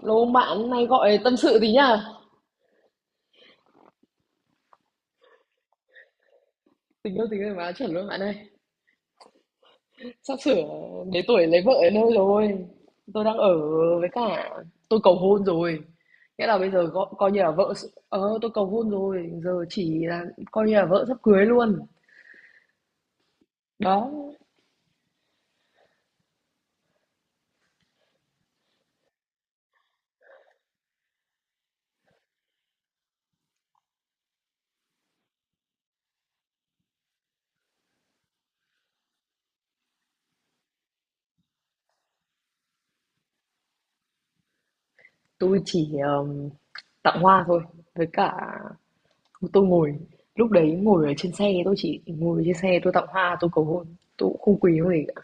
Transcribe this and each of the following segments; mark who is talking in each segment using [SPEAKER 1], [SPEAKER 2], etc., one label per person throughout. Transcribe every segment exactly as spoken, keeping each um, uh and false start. [SPEAKER 1] Lô bạn này gọi tâm sự tí nhá. Tình yêu tình yêu mà chuẩn luôn bạn ơi. Sắp sửa đến tuổi lấy vợ đến nơi rồi. Tôi đang ở với cả tôi cầu hôn rồi. Nghĩa là bây giờ coi, coi như là vợ s- ờ tôi cầu hôn rồi, giờ chỉ là coi như là vợ sắp cưới luôn. Đó, tôi chỉ um, tặng hoa thôi, với cả tôi ngồi lúc đấy ngồi ở trên xe, tôi chỉ ngồi trên xe tôi tặng hoa tôi cầu hôn, tôi cũng không quý không gì cả.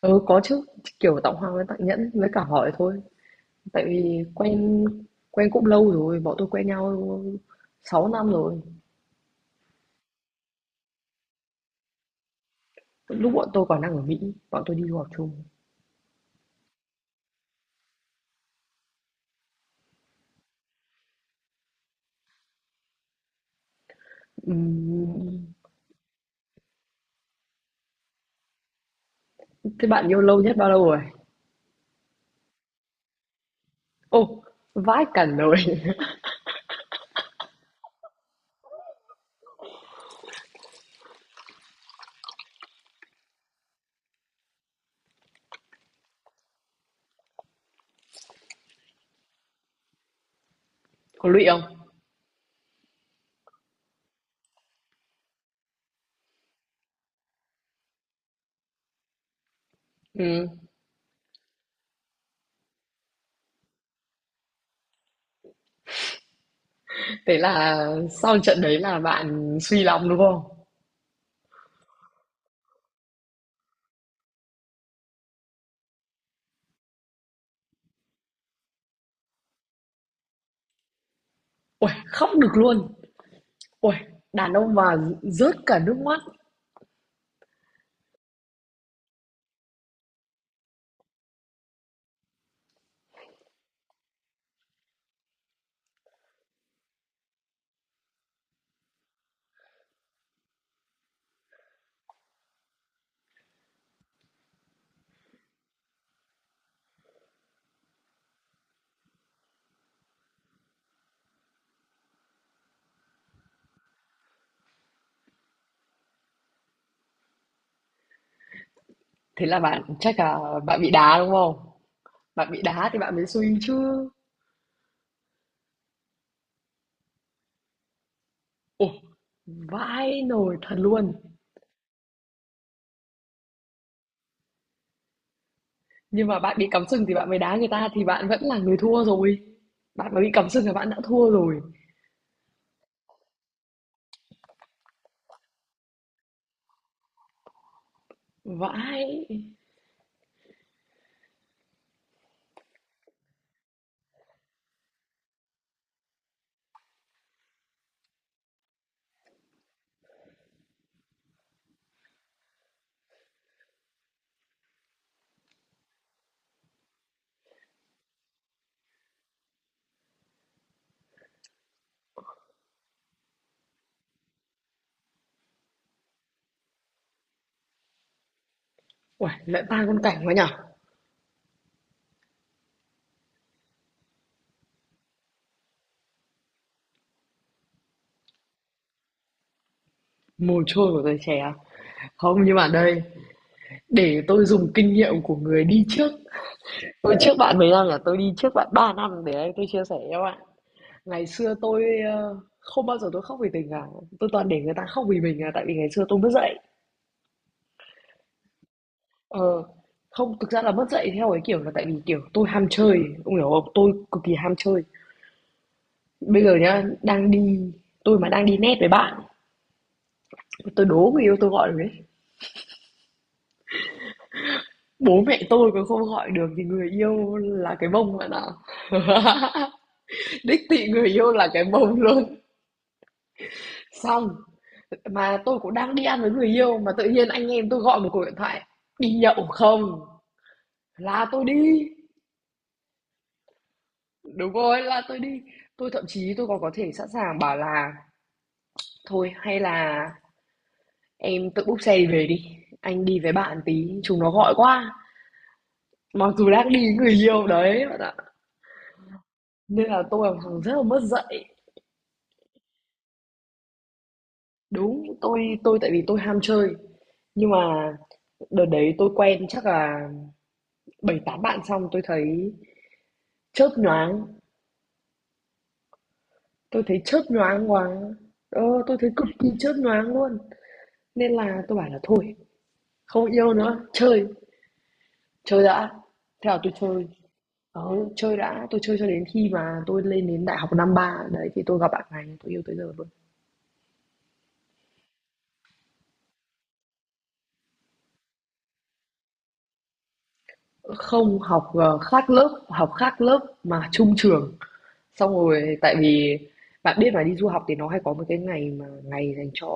[SPEAKER 1] Ừ, có chứ, kiểu tặng hoa với tặng nhẫn với cả hỏi thôi. Tại vì quen quen cũng lâu rồi, bọn tôi quen nhau sáu năm rồi. Lúc bọn tôi còn đang ở Mỹ, bọn tôi đi du học chung. Ừm, Thế bạn yêu lâu nhất bao lâu rồi? Ô, vãi cẩn rồi. Có lụy không? Ừ. Thế là sau trận đấy là bạn suy lòng đúng không? Ôi, khóc được luôn. Ôi, đàn ông mà rớt cả nước mắt. Thế là bạn chắc là bạn bị đá đúng không? Bạn bị đá thì bạn mới suy chứ. Ôi, vãi nồi thật luôn. Nhưng mà bạn bị cắm sừng thì bạn mới đá người ta thì bạn vẫn là người thua rồi. Bạn mà bị cắm sừng là bạn đã thua rồi. Vãi. Uầy, lại ba con cảnh quá nhở? Mồ chôn của tuổi trẻ à? Không, nhưng mà đây, để tôi dùng kinh nghiệm của người đi trước. Tôi trước bạn mấy năm, là tôi đi trước bạn ba năm, để đây tôi chia sẻ cho bạn. Ngày xưa tôi ờ, không bao giờ tôi khóc vì tình cả. Tôi toàn để người ta khóc vì mình là tại vì ngày xưa tôi mất dạy. Ờ, không, thực ra là mất dạy theo cái kiểu là tại vì kiểu tôi ham chơi. Ông hiểu không? Tôi cực kỳ ham chơi. Bây giờ nhá, đang đi tôi mà đang đi net với bạn, tôi đố người yêu tôi gọi được đấy. Bố mẹ tôi còn không gọi được thì người yêu là cái bông bạn ạ. Đích thị người yêu là cái bông luôn. Xong, mà tôi cũng đang đi ăn với người yêu mà tự nhiên anh em tôi gọi một cuộc điện thoại đi nhậu không, là tôi đi. Đúng rồi, là tôi đi, tôi thậm chí tôi còn có thể sẵn sàng bảo là thôi hay là em tự búc xe đi về đi, anh đi với bạn tí chúng nó gọi quá. Mặc dù đang đi với người yêu đấy bạn ạ. Nên là tôi là một thằng rất là mất dạy. Đúng, tôi tôi tại vì tôi ham chơi. Nhưng mà đợt đấy tôi quen chắc là bảy tám bạn, xong tôi thấy chớp nhoáng, tôi thấy chớp nhoáng quá. Ờ, tôi thấy cực kỳ chớp nhoáng luôn. Nên là tôi bảo là thôi, không yêu nữa, chơi, chơi đã. Thế là tôi chơi. Ờ, chơi đã, tôi chơi cho đến khi mà tôi lên đến đại học năm ba đấy thì tôi gặp bạn này tôi yêu tới giờ luôn. Không, học, ờ, khác lớp, học khác lớp mà chung trường. Xong rồi tại vì bạn biết mà đi du học thì nó hay có một cái ngày mà ngày dành cho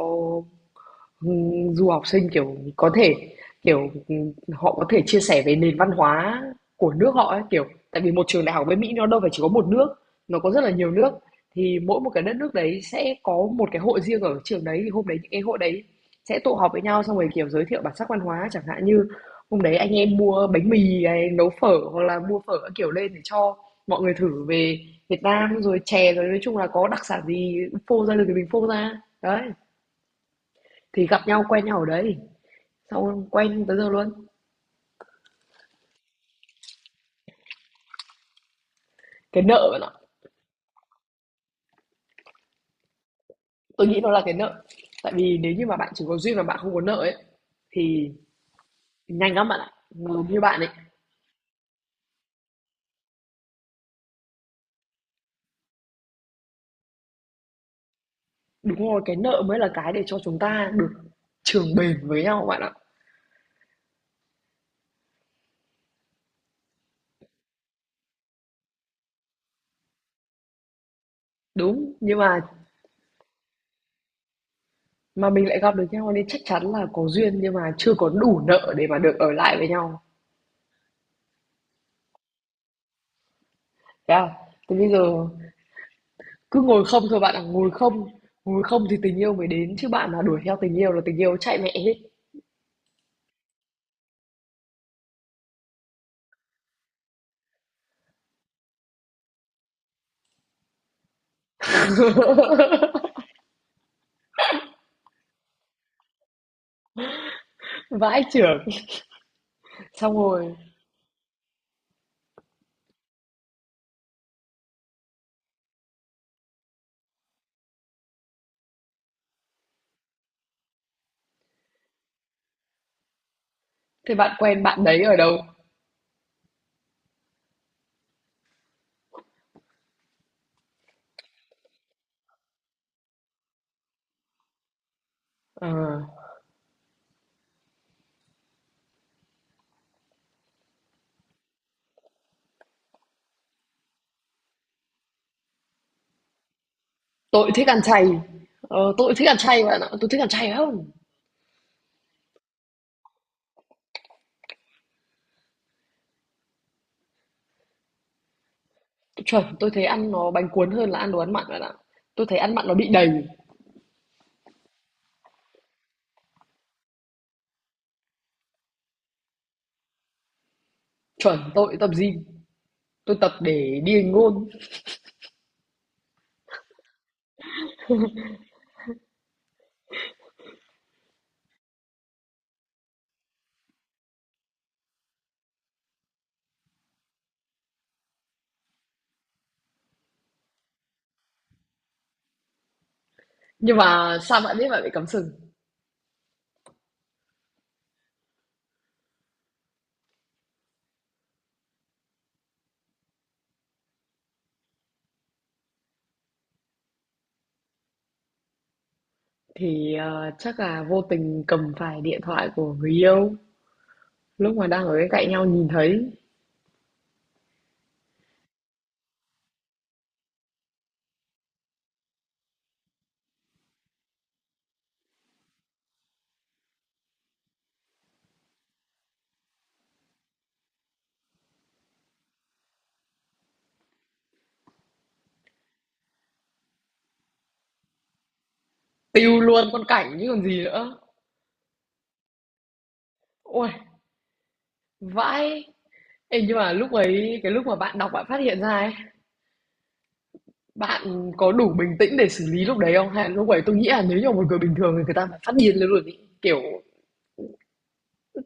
[SPEAKER 1] Ừm, du học sinh, kiểu, có thể, kiểu, ừm, họ có thể chia sẻ về nền văn hóa của nước họ ấy, kiểu, tại vì một trường đại học bên Mỹ nó đâu phải chỉ có một nước, nó có rất là nhiều nước, thì mỗi một cái đất nước đấy sẽ có một cái hội riêng ở trường đấy, thì hôm đấy những cái hội đấy sẽ tụ họp với nhau xong rồi, kiểu, giới thiệu bản sắc văn hóa, chẳng hạn như hôm đấy anh em mua bánh mì hay nấu phở hoặc là mua phở các kiểu lên để cho mọi người thử về Việt Nam, rồi chè, rồi nói chung là có đặc sản gì phô ra được thì mình phô ra. Đấy, thì gặp nhau quen nhau ở đấy. Xong quen tới giờ luôn. Cái nợ bạn ạ, tôi nghĩ nó là cái nợ. Tại vì nếu như mà bạn chỉ có duyên mà bạn không có nợ ấy thì nhanh lắm bạn ạ. Giống như bạn ấy, đúng rồi, cái nợ mới là cái để cho chúng ta được trường bền với nhau bạn ạ. Đúng, nhưng mà mà mình lại gặp được nhau nên chắc chắn là có duyên nhưng mà chưa có đủ nợ để mà được ở lại với nhau. Thế à? Thế bây giờ cứ ngồi không thôi bạn ạ, ngồi không. Ngồi không thì tình yêu mới đến chứ bạn mà đuổi theo tình yêu là tình yêu chạy mẹ hết. Vãi chưởng. Xong rồi. Thế bạn quen bạn đấy ở đâu? Ờ, tôi thích ăn chay. Ờ, tôi thích ăn chay bạn ạ, tôi thích ăn chay lắm. Chuẩn, tôi thấy ăn nó bánh cuốn hơn là ăn đồ ăn mặn bạn ạ. Tôi thấy ăn mặn nó bị đầy. Chuẩn, tôi tập gym, tôi tập để đi hình ngôn. Nhưng mà sao bạn biết bạn bị cắm sừng? Thì ờ, chắc là vô tình cầm phải điện thoại của người yêu. Lúc mà đang ở bên cạnh nhau nhìn thấy, tiêu luôn con cảnh chứ còn gì nữa. Ôi, vãi. Ê, nhưng mà lúc ấy, cái lúc mà bạn đọc bạn phát hiện ra ấy, bạn có đủ bình tĩnh để xử lý lúc đấy không? Hay là lúc ấy tôi nghĩ là nếu như một người bình thường thì người ta phải phát điên lên luôn ấy. Kiểu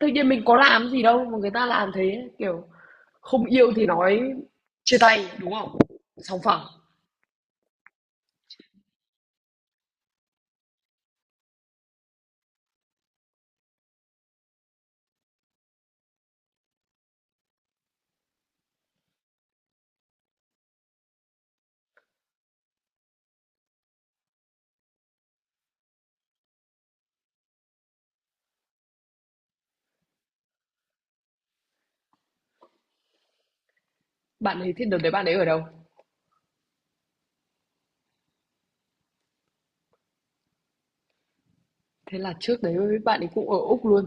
[SPEAKER 1] tự nhiên mình có làm gì đâu mà người ta làm thế, kiểu không yêu thì nói chia tay đúng không? Sòng phẳng. Bạn ấy thì đợt đấy bạn ấy ở đâu? Thế là trước đấy bạn ấy cũng ở Úc luôn.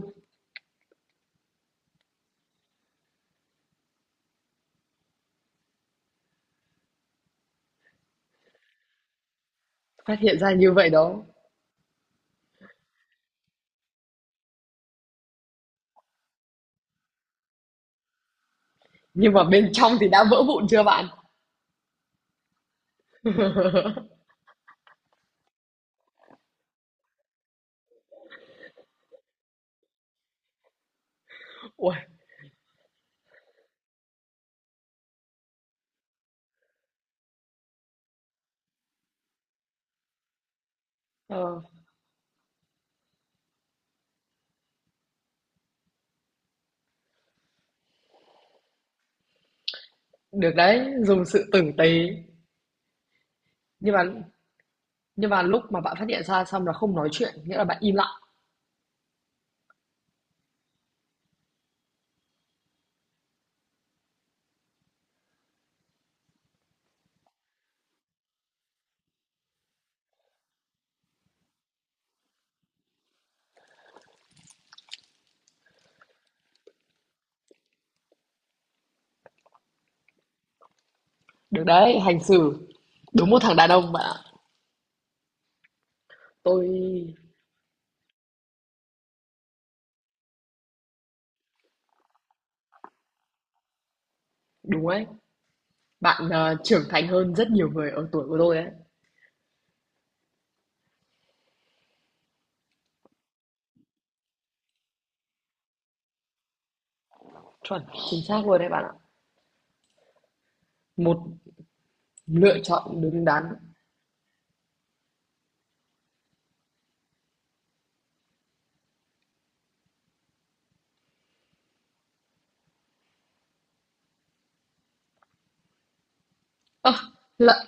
[SPEAKER 1] Phát hiện ra như vậy đó. Nhưng mà bên trong thì đã vỡ vụn chưa bạn? Ui, ờ, được đấy, dùng sự tử tế. Nhưng mà nhưng mà lúc mà bạn phát hiện ra xong là không nói chuyện, nghĩa là bạn im lặng. Được đấy, hành xử. Đúng một thằng đàn ông bạn ạ. Tôi đúng ấy. Bạn ờ, trưởng thành hơn rất nhiều người ở tuổi của tôi ấy. Chuẩn, chính xác luôn đấy bạn ạ. Một lựa chọn đúng đắn. Ơ, lợ-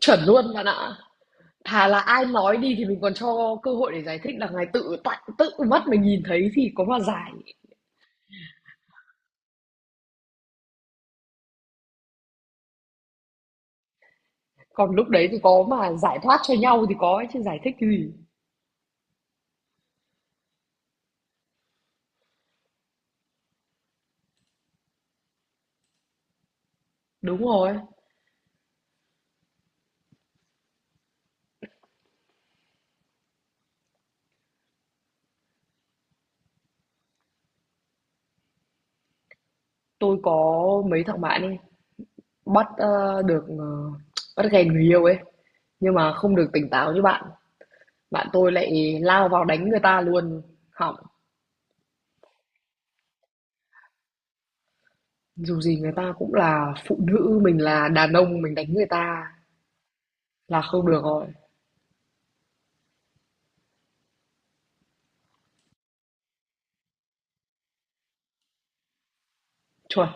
[SPEAKER 1] chuẩn luôn bạn ạ. Thà là ai nói đi thì mình còn cho cơ hội để giải thích, là ngày tự tại tự mắt mình nhìn thấy thì có mà giải. Còn lúc đấy thì có mà giải thoát cho nhau thì có ấy, chứ giải thích cái gì. Đúng rồi. Tôi có mấy thằng bạn ấy bắt ờ, được ờ, bắt ghen người yêu ấy. Nhưng mà không được tỉnh táo như bạn, bạn tôi lại lao vào đánh người ta luôn, hỏng. Dù gì người ta cũng là phụ nữ, mình là đàn ông mình đánh người ta là không được rồi. Chuẩn,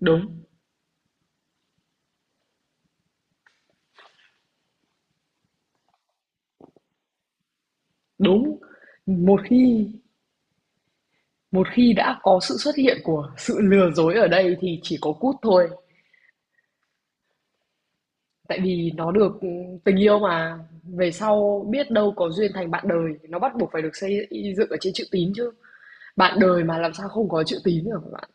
[SPEAKER 1] đúng, đúng. Một khi một khi đã có sự xuất hiện của sự lừa dối ở đây thì chỉ có cút thôi. Tại vì nó được tình yêu mà, về sau biết đâu có duyên thành bạn đời, nó bắt buộc phải được xây dựng ở trên chữ tín chứ. Bạn đời mà làm sao không có chữ tín được hả bạn?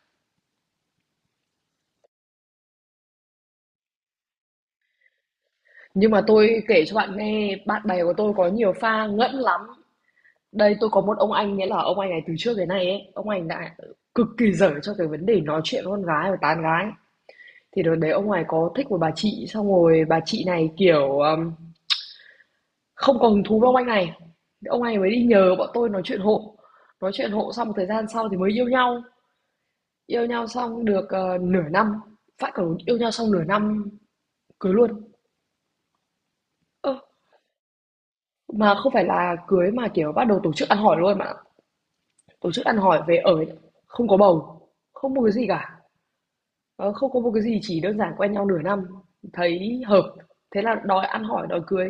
[SPEAKER 1] Nhưng mà tôi kể cho bạn nghe, bạn bè của tôi có nhiều pha ngẫn lắm. Đây tôi có một ông anh, nghĩa là ông anh này từ trước đến nay ấy, ông anh đã cực kỳ dở cho cái vấn đề nói chuyện với con gái và tán gái. Thì đợt đấy ông này có thích một bà chị xong rồi bà chị này kiểu um, không còn hứng thú với ông anh này. Ông này mới đi nhờ bọn tôi nói chuyện hộ. Nói chuyện hộ xong một thời gian sau thì mới yêu nhau. Yêu nhau xong được ờ, nửa năm, phải, còn yêu nhau xong nửa năm cưới luôn. Ơ, mà không phải là cưới mà kiểu bắt đầu tổ chức ăn hỏi luôn mà. Tổ chức ăn hỏi về ở, không có bầu, không một cái gì cả. Ờ, không có một cái gì, chỉ đơn giản quen nhau nửa năm, thấy hợp, thế là đòi ăn hỏi, đòi cưới.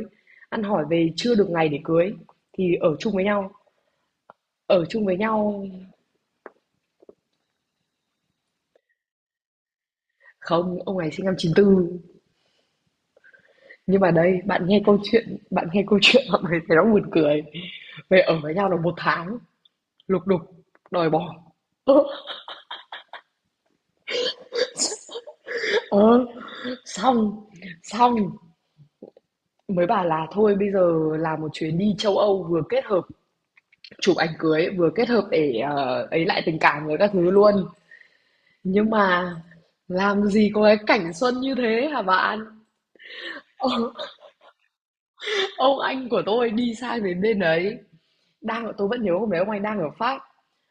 [SPEAKER 1] Ăn hỏi về chưa được ngày để cưới thì ở chung với nhau. Ở chung với nhau. Không, ông này sinh năm chín tư. Nhưng mà đây, bạn nghe câu chuyện, bạn nghe câu chuyện mọi người thấy nó buồn cười. Về ở với nhau được một tháng, lục đục, đòi bỏ. Ờ, xong, xong mới bảo là thôi bây giờ làm một chuyến đi châu Âu vừa kết hợp chụp ảnh cưới vừa kết hợp để, ờ, ấy lại tình cảm với các thứ luôn. Nhưng mà làm gì có cái cảnh xuân như thế hả bạn? Ờ, ông anh của tôi đi sang đến bên đấy, đang tôi vẫn nhớ hôm đấy ông anh đang ở Pháp,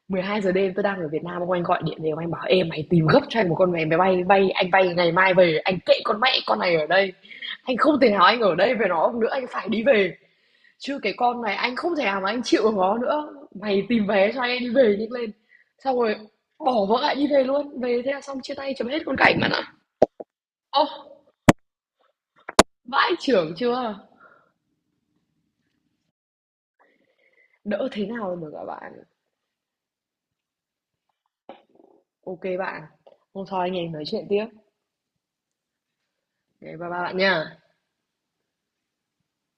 [SPEAKER 1] mười hai giờ đêm tôi đang ở Việt Nam, ông anh gọi điện về ông anh bảo: "Em mày tìm gấp cho anh một con vé máy bay bay, anh bay ngày mai về, anh kệ con mẹ con này ở đây. Anh không thể nào anh ở đây với nó nữa, anh phải đi về." Chứ cái con này anh không thể nào mà anh chịu được nó nữa. Mày tìm vé cho anh anh đi về nhanh lên. Xong rồi bỏ vợ lại đi về luôn. Về thế là xong, chia tay chấm hết con cảnh bạn ạ. Ô, vãi trưởng chưa? Đỡ thế nào rồi mà các bạn. OK bạn. Hôm sau anh em nói chuyện tiếp. Ngày bye bye bạn nha.